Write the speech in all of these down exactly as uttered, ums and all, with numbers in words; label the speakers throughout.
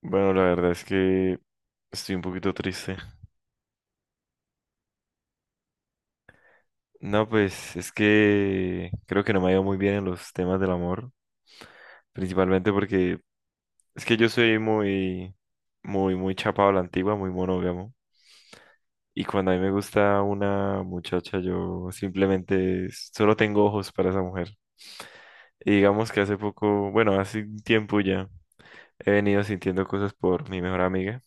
Speaker 1: Bueno, la verdad es que estoy un poquito triste. No, pues es que creo que no me ha ido muy bien en los temas del amor, principalmente porque es que yo soy muy, muy, muy chapado a la antigua, muy monógamo. Y cuando a mí me gusta una muchacha, yo simplemente s- solo tengo ojos para esa mujer. Y digamos que hace poco, bueno, hace un tiempo ya, he venido sintiendo cosas por mi mejor amiga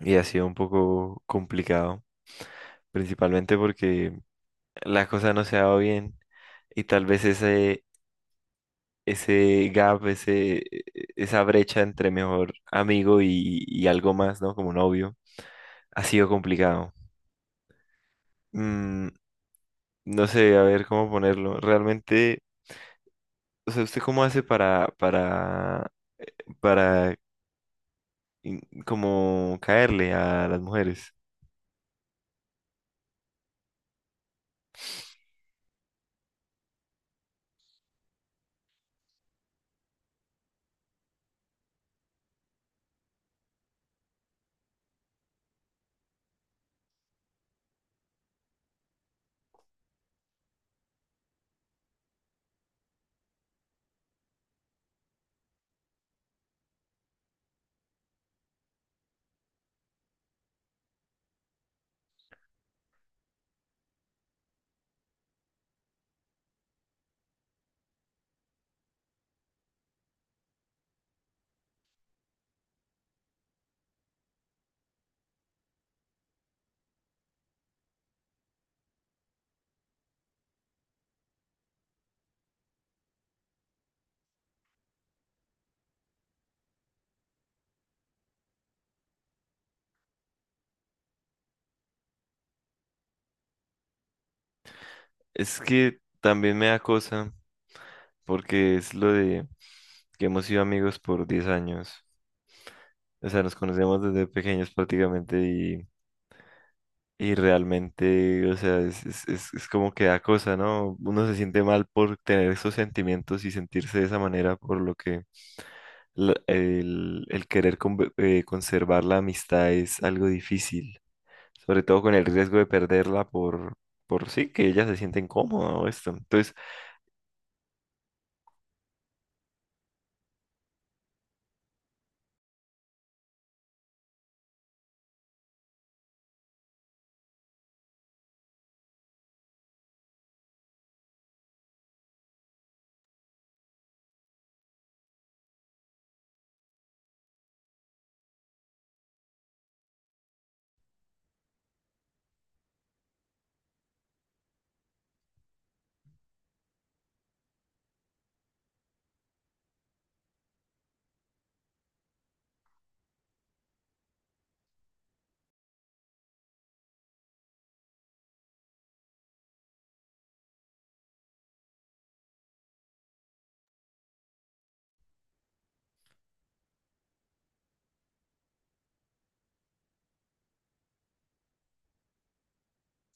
Speaker 1: y ha sido un poco complicado, principalmente porque la cosa no se daba bien, y tal vez ese, ese gap, ese, esa brecha entre mejor amigo y, y algo más, ¿no? Como novio, ha sido complicado. Mm, no sé, a ver cómo ponerlo. Realmente, o sea, ¿usted cómo hace para, para, para in- como caerle a las mujeres? Es que también me da cosa porque es lo de que hemos sido amigos por diez años. O sea, nos conocemos desde pequeños prácticamente, y, y realmente, o sea, es, es, es, es como que da cosa, ¿no? Uno se siente mal por tener esos sentimientos y sentirse de esa manera, por lo que la- el, el querer conve- eh, conservar la amistad es algo difícil, sobre todo con el riesgo de perderla por, por sí, que ella se siente incómoda o esto. Entonces,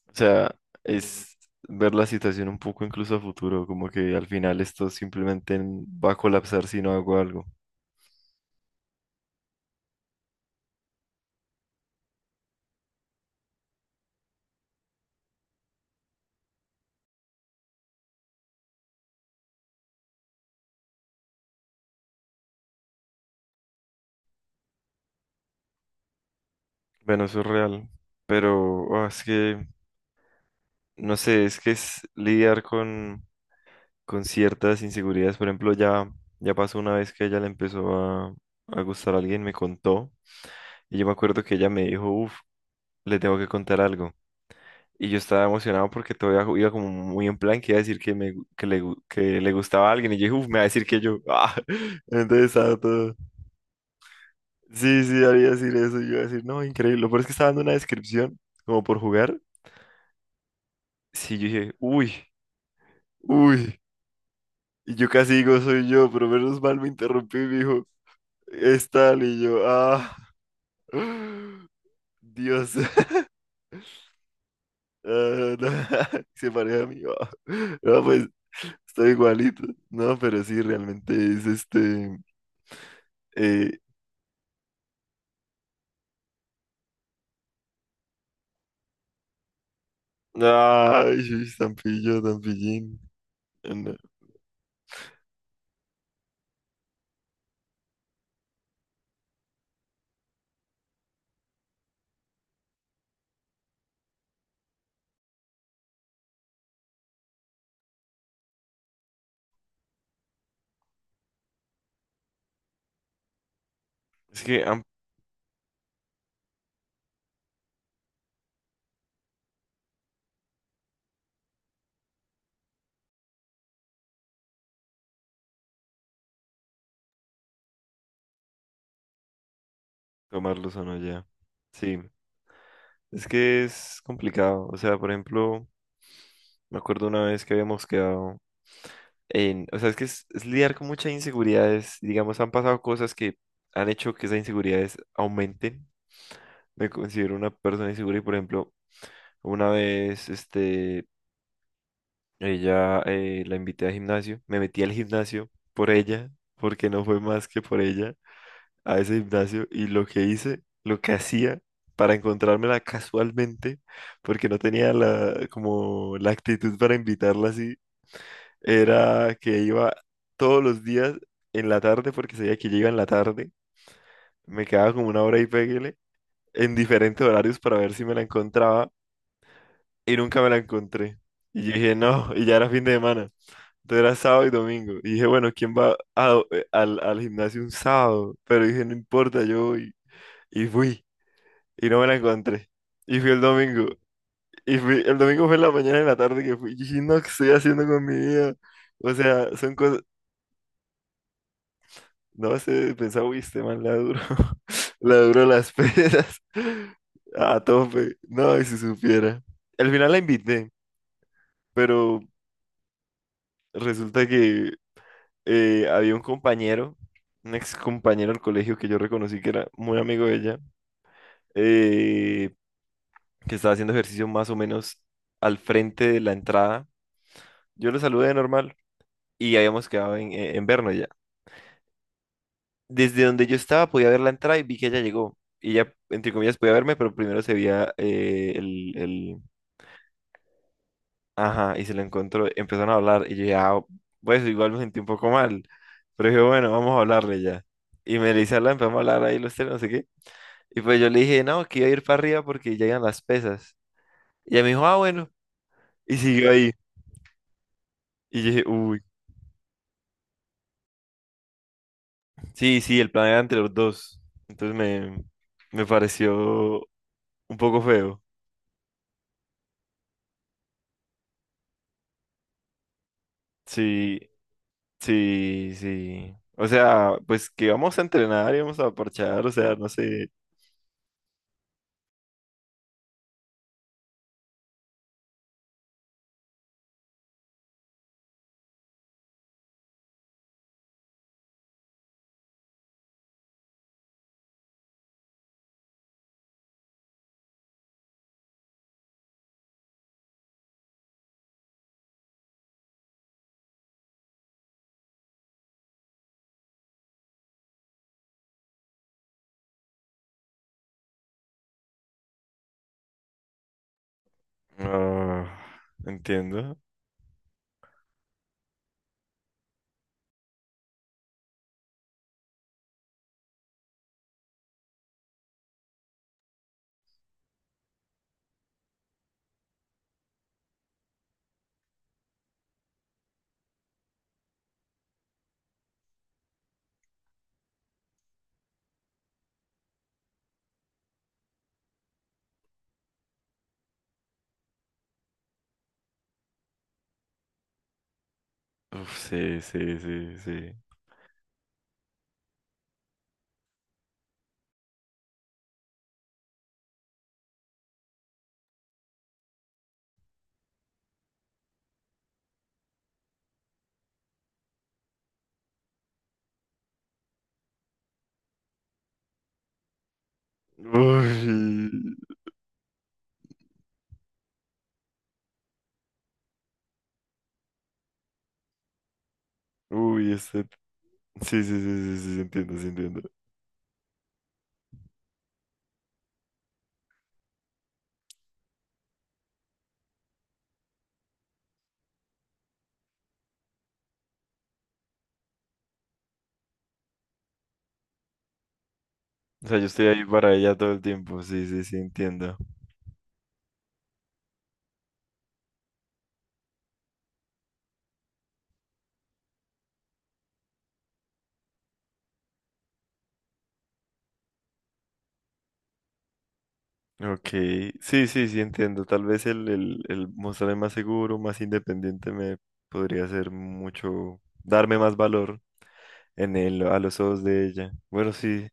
Speaker 1: o sea, es ver la situación un poco incluso a futuro, como que al final esto simplemente va a colapsar si no hago algo. Bueno, eso es real, pero ah, es que no sé, es que es lidiar con, con ciertas inseguridades. Por ejemplo, ya, ya pasó una vez que ella le empezó a, a gustar a alguien, me contó, y yo me acuerdo que ella me dijo, uff, le tengo que contar algo. Y yo estaba emocionado porque todavía ju- iba como muy en plan que iba a decir que, me, gu- que, le, gu- que le gustaba a alguien, y yo dije, uff, me va a decir que yo, ah, entonces estaba todo, sí, sí, haría decir eso, y yo iba a decir, no, increíble, lo peor es que estaba dando una descripción, como por jugar, sí, yo dije, uy. Uy, y yo casi digo soy yo, pero menos mal me interrumpí, me dijo, es tal, y yo, ah, Dios. Ah, no. Se parece a mí, ah. No, pues, estoy igualito. No, pero sí, realmente es este, eh, ay, sí, tan pillo, tan pillín. Ah, no. Es que, am- tomarlos o no ya. Sí, es que es complicado, o sea, por ejemplo, me acuerdo una vez que habíamos quedado en- o sea, es que es, es lidiar con muchas inseguridades. Digamos, han pasado cosas que han hecho que esas inseguridades aumenten. Me considero una persona insegura y, por ejemplo, una vez, este, ella eh, la invité al gimnasio, me metí al gimnasio por ella, porque no fue más que por ella, a ese gimnasio, y lo que hice, lo que hacía para encontrármela casualmente, porque no tenía la, como la actitud para invitarla así, era que iba todos los días en la tarde, porque sabía que llega en la tarde, me quedaba como una hora y péguele, en diferentes horarios para ver si me la encontraba, y nunca me la encontré. Y yo dije, no, y ya era fin de semana. Entonces era sábado y domingo. Y dije, bueno, ¿quién va a- eh, al, al gimnasio un sábado? Pero dije, no importa, yo voy. Y fui, y no me la encontré. Y fui el domingo. Y fui, el domingo fue en la mañana y en la tarde que fui. Y dije, no, ¿qué estoy haciendo con mi vida? O sea, son cosas. No, se pensaba, uy, este man la duro, la duro las peras. A tope. No, y si supiera. Al final la invité, pero resulta que eh, había un compañero, un ex compañero del colegio que yo reconocí que era muy amigo de ella, eh, que estaba haciendo ejercicio más o menos al frente de la entrada. Yo lo saludé normal y habíamos quedado en, en vernos ya. Desde donde yo estaba podía ver la entrada y vi que ella llegó. Y ella, entre comillas, podía verme, pero primero se veía eh, el, el- Ajá, y se lo encontró. Empezaron a hablar y yo dije, ah, pues igual me sentí un poco mal. Pero dije, bueno, vamos a hablarle ya. Y me dice, hablar, empezamos a hablar ahí los tres, no sé qué. Y pues yo le dije, no, que iba a ir para arriba porque llegan las pesas. Y ella me dijo, ah, bueno. Y siguió ahí. Y yo dije, uy. Sí, sí, el plan era entre los dos. Entonces me, me pareció un poco feo. Sí, sí, sí. O sea, pues que vamos a entrenar y vamos a parchar, o sea, no sé. Ah, entiendo. Uf, sí, sí, sí, sí. Uy, uy, este... Sí, sí, sí, sí, sí, sí, entiendo, sí, entiendo. O sea, yo estoy ahí para ella todo el tiempo, sí, sí, sí, entiendo. Ok, sí, sí, sí, entiendo. Tal vez el, el, el mostrarme más seguro, más independiente me podría hacer mucho, darme más valor en él, a los ojos de ella. Bueno, sí.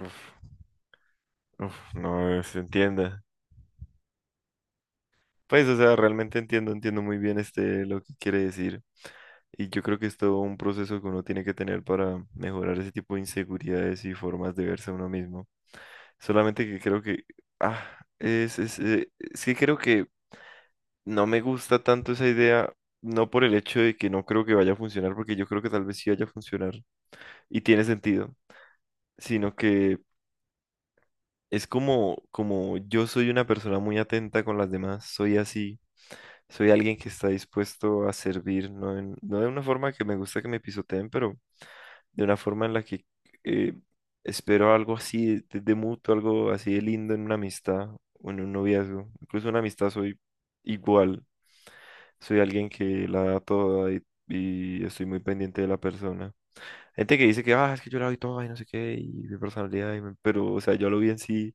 Speaker 1: Uf, uf, no se entienda. Pues, o sea, realmente entiendo, entiendo muy bien este lo que quiere decir. Y yo creo que es todo un proceso que uno tiene que tener para mejorar ese tipo de inseguridades y formas de verse a uno mismo. Solamente que creo que, ah, es, es, eh, es que creo que no me gusta tanto esa idea, no por el hecho de que no creo que vaya a funcionar, porque yo creo que tal vez sí vaya a funcionar y tiene sentido, sino que es como, como yo soy una persona muy atenta con las demás, soy así. Soy alguien que está dispuesto a servir. No, en- no de una forma que me gusta que me pisoteen, pero de una forma en la que eh, espero algo así de, de mutuo, algo así de lindo en una amistad o en un noviazgo. Incluso en una amistad soy igual. Soy alguien que la da toda, y, y estoy muy pendiente de la persona. Gente que dice que, ah, es que yo la doy toda y no sé qué, y mi personalidad, y mi-". Pero, o sea, yo a lo bien sí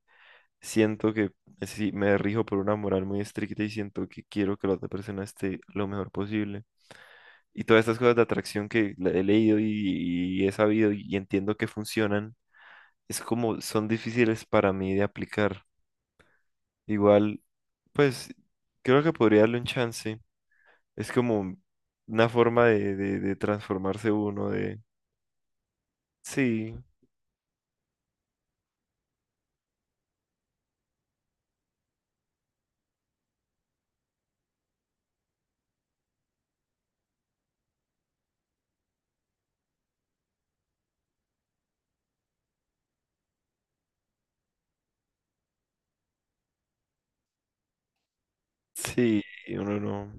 Speaker 1: siento que sí, me rijo por una moral muy estricta y siento que quiero que la otra persona esté lo mejor posible, y todas estas cosas de atracción que le- he leído y, y he sabido y entiendo que funcionan, es como son difíciles para mí de aplicar. Igual, pues creo que podría darle un chance. Es como una forma de, de, de transformarse uno, de... Sí, sí, uno no...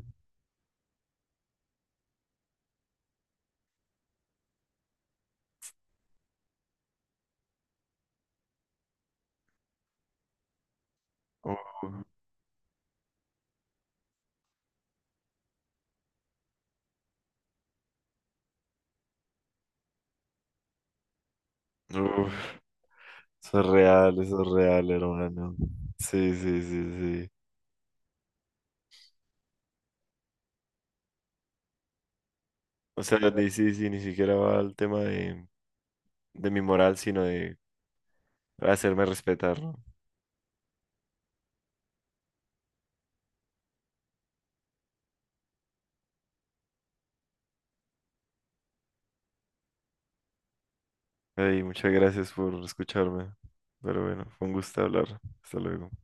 Speaker 1: Uf, uf, eso es real, eso es real, hermano. Sí, sí, sí, sí. O sea, ni, sí, sí, ni siquiera va al tema de, de mi moral, sino de hacerme respetar, ¿no? Hey, muchas gracias por escucharme. Pero bueno, fue un gusto hablar. Hasta luego.